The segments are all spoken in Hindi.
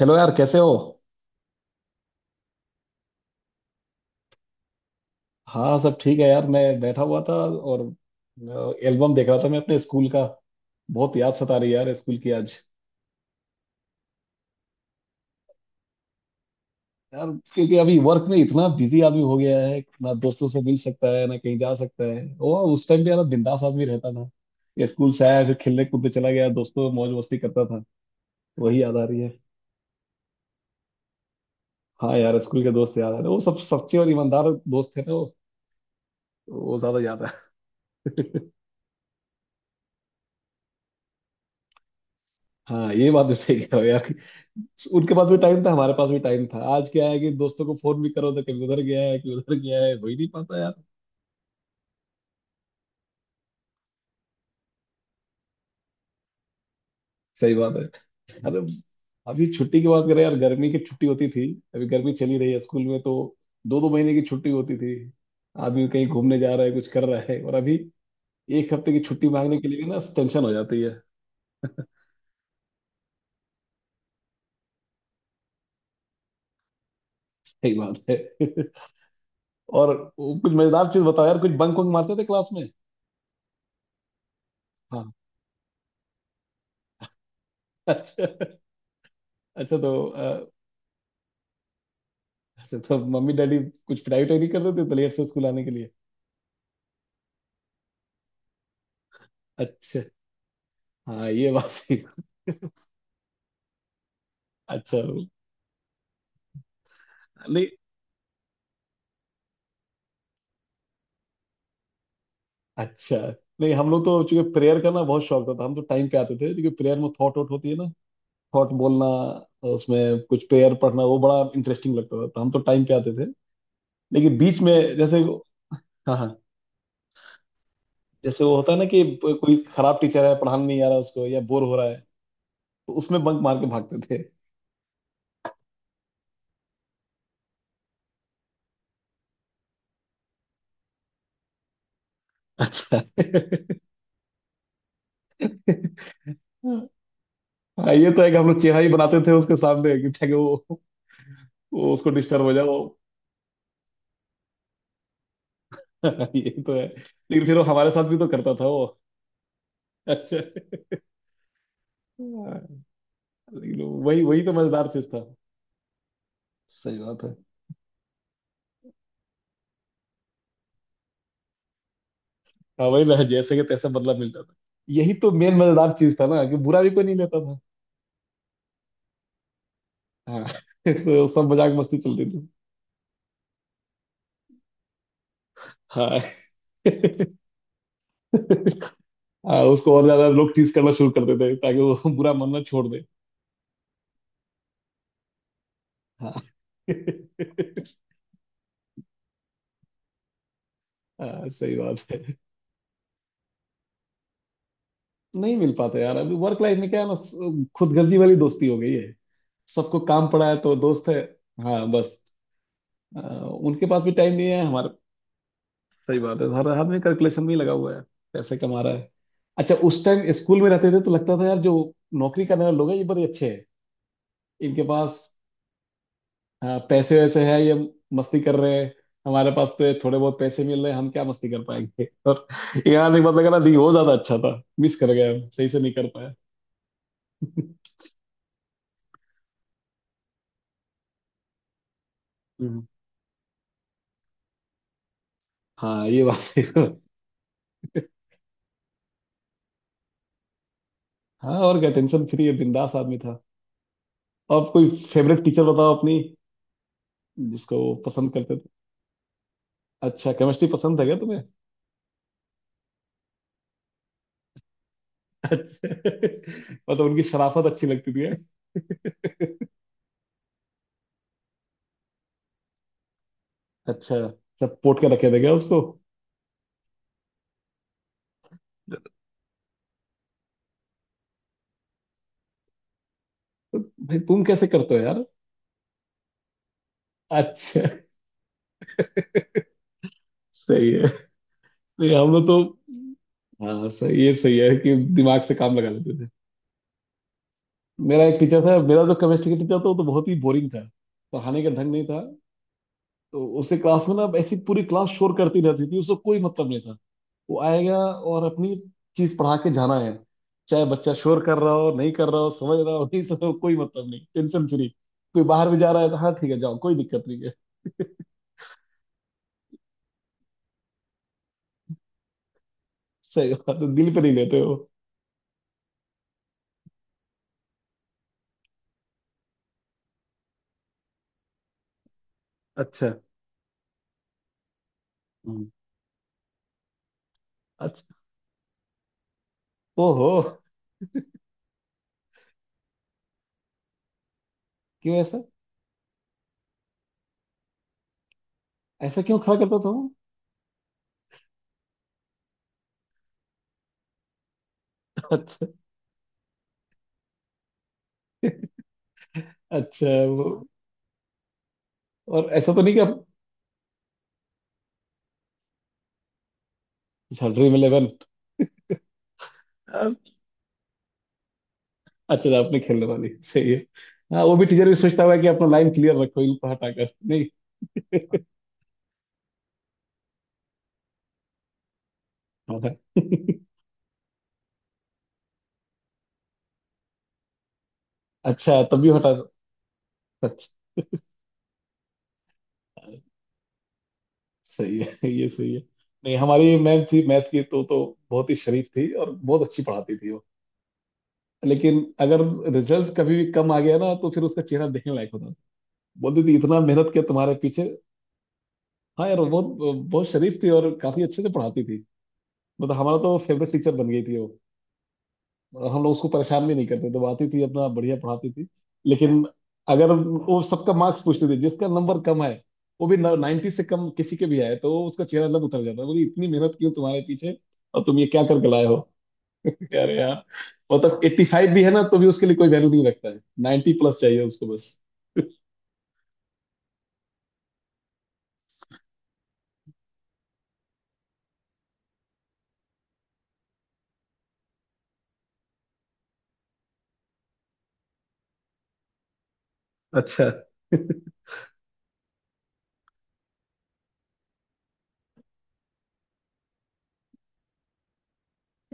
हेलो यार, कैसे हो? हाँ, सब ठीक है यार। मैं बैठा हुआ था और एल्बम देख रहा था मैं अपने स्कूल का। बहुत याद सता रही है यार स्कूल की आज। यार, क्योंकि अभी वर्क में इतना बिजी आदमी हो गया है, ना दोस्तों से मिल सकता है ना कहीं जा सकता है। वो उस टाइम पे यार बिंदास आदमी रहता था। ये स्कूल से आया फिर खेलने कूदने चला गया दोस्तों, मौज मस्ती करता था। वही याद आ रही है। हाँ यार, स्कूल के दोस्त याद आ रहे हैं। वो सब सच्चे और ईमानदार दोस्त थे ना, वो ज्यादा याद है। हाँ, ये बात तो सही कह रहे हो यार। उनके पास भी टाइम था, हमारे पास भी टाइम था। आज क्या है कि दोस्तों को फोन भी करो तो कभी उधर गया है कभी उधर गया है, हो ही नहीं पाता यार। सही बात है। अरे, अभी छुट्टी की बात करें यार, गर्मी की छुट्टी होती थी। अभी गर्मी चली रही है स्कूल में तो। दो दो महीने की छुट्टी होती थी। आदमी कहीं घूमने जा रहा है कुछ कर रहा है, और अभी एक हफ्ते की छुट्टी मांगने के लिए भी ना टेंशन हो जाती है। सही बात है। और वो कुछ मजेदार चीज बताओ यार, कुछ बंक वंक मारते थे क्लास में? हाँ। अच्छा। अच्छा तो अ, अच्छा तो मम्मी डैडी, कुछ पिटाई उटाई नहीं करते थे तो लेट से स्कूल आने के लिए? अच्छा। हाँ ये बात सही। अच्छा। नहीं अच्छा नहीं, हम लोग तो चूंकि प्रेयर का ना बहुत शौक था तो हम तो टाइम पे आते थे क्योंकि प्रेयर में थॉट वॉट होती है ना, थॉट बोलना, उसमें कुछ प्रेयर पढ़ना वो बड़ा इंटरेस्टिंग लगता था तो हम तो टाइम पे आते थे। लेकिन बीच में जैसे हाँ हाँ, जैसे वो होता है ना कि कोई खराब टीचर है पढ़ाने नहीं आ रहा उसको या बोर हो रहा है, तो उसमें बंक मार के भागते थे। अच्छा। हाँ ये तो है कि हम लोग चेहरा ही बनाते थे उसके सामने कि ताकि वो उसको डिस्टर्ब हो जाए वो। ये तो है, लेकिन फिर वो हमारे साथ भी तो करता था वो। अच्छा। हाँ। लेकिन वही वही तो मजेदार चीज था। सही बात है। हाँ वही ना, जैसे कि तैसे बदला मिलता था। यही तो मेन मजेदार चीज था ना, कि बुरा भी कोई नहीं लेता था। हाँ। तो सब मजाक मस्ती चल रही थी। हाँ। हाँ, उसको और ज्यादा लोग टीज करना शुरू कर देते ताकि वो बुरा मानना छोड़ दे। हाँ। हाँ, सही बात है। नहीं मिल पाते यार, अभी वर्क लाइफ में क्या है ना, खुदगर्जी वाली दोस्ती हो गई है। सबको काम पड़ा है तो दोस्त है। हाँ बस। अ, उनके पास भी टाइम नहीं है हमारे। सही बात है, हर आदमी कैलकुलेशन में ही लगा हुआ है, पैसे कमा रहा है। अच्छा, उस टाइम स्कूल में रहते थे तो लगता था यार, जो नौकरी करने वाले लोग हैं ये बड़े अच्छे हैं, इनके पास। हाँ, पैसे वैसे है ये, मस्ती कर रहे हैं। हमारे पास तो ये थोड़े बहुत पैसे मिल रहे हैं, हम क्या मस्ती कर पाएंगे। और यार एक बात लगा ना, नहीं वो ज्यादा अच्छा था, मिस कर गया हम, सही से नहीं कर पाया। हम्म। हाँ ये बात है। हाँ, और क्या, टेंशन फ्री है बिंदास आदमी था। और कोई फेवरेट टीचर बताओ अपनी, जिसको वो पसंद करते थे। अच्छा, केमिस्ट्री पसंद था क्या तुम्हें? अच्छा। मतलब उनकी शराफत अच्छी लगती थी है? अच्छा, सब पोट के रखे थे क्या उसको? भाई तुम कैसे करते हो यार? अच्छा। सही है। नहीं हम लोग तो। हाँ सही, ये सही है कि दिमाग से काम लगा लेते थे। मेरा एक टीचर था मेरा, जो केमिस्ट्री का टीचर था वो तो बहुत ही बोरिंग था, पढ़ाने का ढंग नहीं था। तो उससे क्लास में ना ऐसी पूरी क्लास शोर करती रहती थी, उसको कोई मतलब नहीं था। वो आएगा और अपनी चीज पढ़ा के जाना है, चाहे बच्चा शोर कर रहा हो नहीं कर रहा हो, समझ रहा हो नहीं समझ रहा हो, कोई मतलब नहीं, टेंशन फ्री। कोई बाहर भी जा रहा है तो हाँ ठीक है जाओ, कोई दिक्कत नहीं है। सही बात है, दिल पे नहीं लेते हो। अच्छा। हम्म। अच्छा। ओहो। क्यों ऐसा? ऐसा क्यों खड़ा करता था वो? अच्छा। अच्छा। वो, और ऐसा तो नहीं कि आप। अच्छा, ड्रीम इलेवन। अच्छा, आपने खेलने वाली, सही है। हाँ वो भी, टीचर भी सोचता होगा कि अपना लाइन क्लियर रखो, इनको हटाकर नहीं। हाँ। अच्छा तब भी हटा। अच्छा। सही है। ये सही है। नहीं, हमारी मैम थी मैथ की, तो बहुत ही शरीफ थी और बहुत अच्छी पढ़ाती थी वो। लेकिन अगर रिजल्ट कभी भी कम आ गया ना तो फिर उसका चेहरा देखने लायक होता था। बोलती थी, इतना मेहनत किया तुम्हारे पीछे। हाँ यार, वो बहुत बहुत शरीफ थी और काफी अच्छे से पढ़ाती थी। मतलब हमारा तो फेवरेट टीचर बन गई थी वो। और हम लोग उसको परेशान भी नहीं करते, दबाती थी अपना, बढ़िया पढ़ाती थी। लेकिन अगर वो सबका मार्क्स पूछते थे, जिसका नंबर कम है वो भी, 90 से कम किसी के भी आए तो उसका चेहरा लब उतर जाता है, बोली इतनी मेहनत क्यों तुम्हारे पीछे, और तुम ये क्या करके लाए हो? अरे यार। मतलब 85 भी है ना तो भी उसके लिए कोई वैल्यू नहीं रखता है, 90+ चाहिए उसको बस। अच्छा।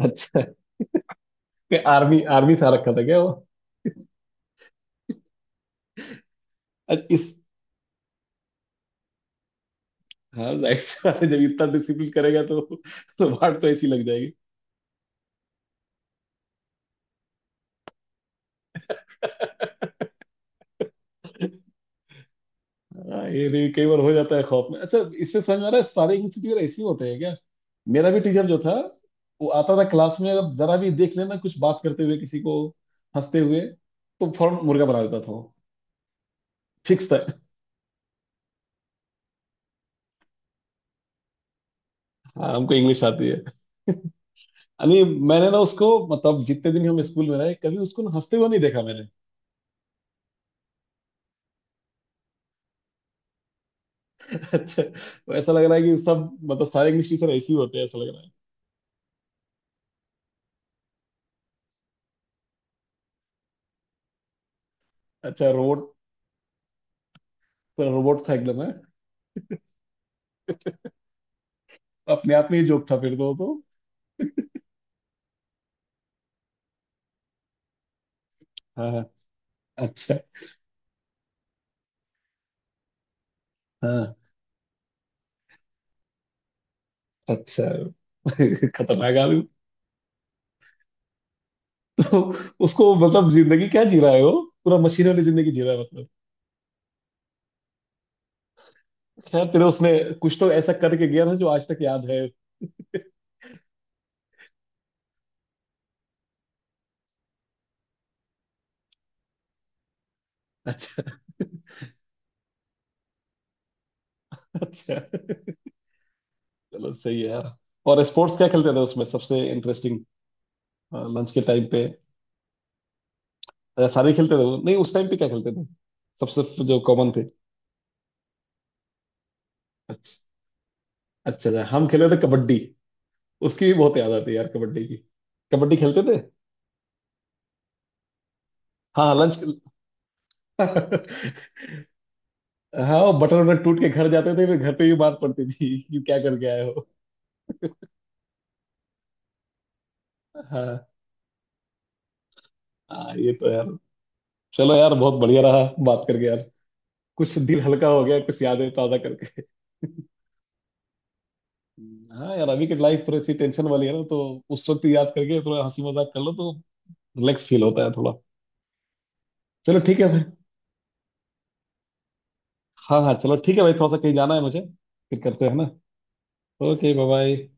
अच्छा, क्या आर्मी आर्मी सा रखा था क्या वो? अच्छा, इस। हाँ। जाहिर सी बात है, जब इतना डिसिप्लिन करेगा तो वाट तो ऐसी लग जाएगी। हाँ, ये भी कई बार हो जाता है खौफ में। अच्छा, इससे समझ आ रहा है सारे इंग्लिश टीचर ऐसे ही होते हैं क्या? मेरा भी टीचर जो था, वो आता था क्लास में, अगर जरा भी देख लेना कुछ बात करते हुए किसी को, हंसते हुए, तो फौरन मुर्गा बना देता था वो, फिक्स था। हाँ, हमको इंग्लिश आती है यानी। मैंने ना उसको मतलब, जितने दिन हम स्कूल में रहे, कभी उसको ना हंसते हुए नहीं देखा मैंने। अच्छा, तो ऐसा लग रहा है कि सब मतलब सारे इंग्लिश टीचर ऐसे ही होते हैं, ऐसा लग रहा है। अच्छा, रोबोट। रोबोट था एकदम है, अपने आप में ही जोक था फिर तो, वो तो। हाँ हाँ, अच्छा। हाँ। अच्छा। खतरनाक आदमी। तो उसको मतलब, जिंदगी क्या जी रहा है वो, पूरा मशीन वाली जिंदगी जी रहा है मतलब। खैर चलो, उसने कुछ तो ऐसा करके गया था जो आज तक याद है। अच्छा। अच्छा। चलो सही है यार। और स्पोर्ट्स क्या खेलते थे उसमें सबसे इंटरेस्टिंग, लंच के टाइम पे? अच्छा, सारे खेलते थे वो, नहीं उस टाइम पे क्या खेलते थे सबसे, जो कॉमन थे? अच्छा। अच्छा, अच्छा, हम खेले थे कबड्डी, उसकी भी बहुत याद आती है यार कबड्डी की, कबड्डी खेलते थे। हाँ, लंच। हाँ, वो बटन वटन टूट के घर जाते थे, फिर घर पे भी बात पड़ती थी कि क्या करके आए हो। हाँ। हाँ ये तो यार, चलो यार, बहुत बढ़िया रहा बात करके यार। कुछ दिल हल्का हो गया, कुछ यादें ताज़ा करके। हाँ यार, अभी की लाइफ थोड़ी सी टेंशन वाली है ना, तो उस वक्त याद करके थोड़ा हंसी मजाक कर लो तो रिलैक्स फील होता है थोड़ा। चलो ठीक है भाई। हाँ हाँ, चलो ठीक है भाई, थोड़ा सा कहीं जाना है मुझे। फिर करते हैं ना। ओके। Bye bye.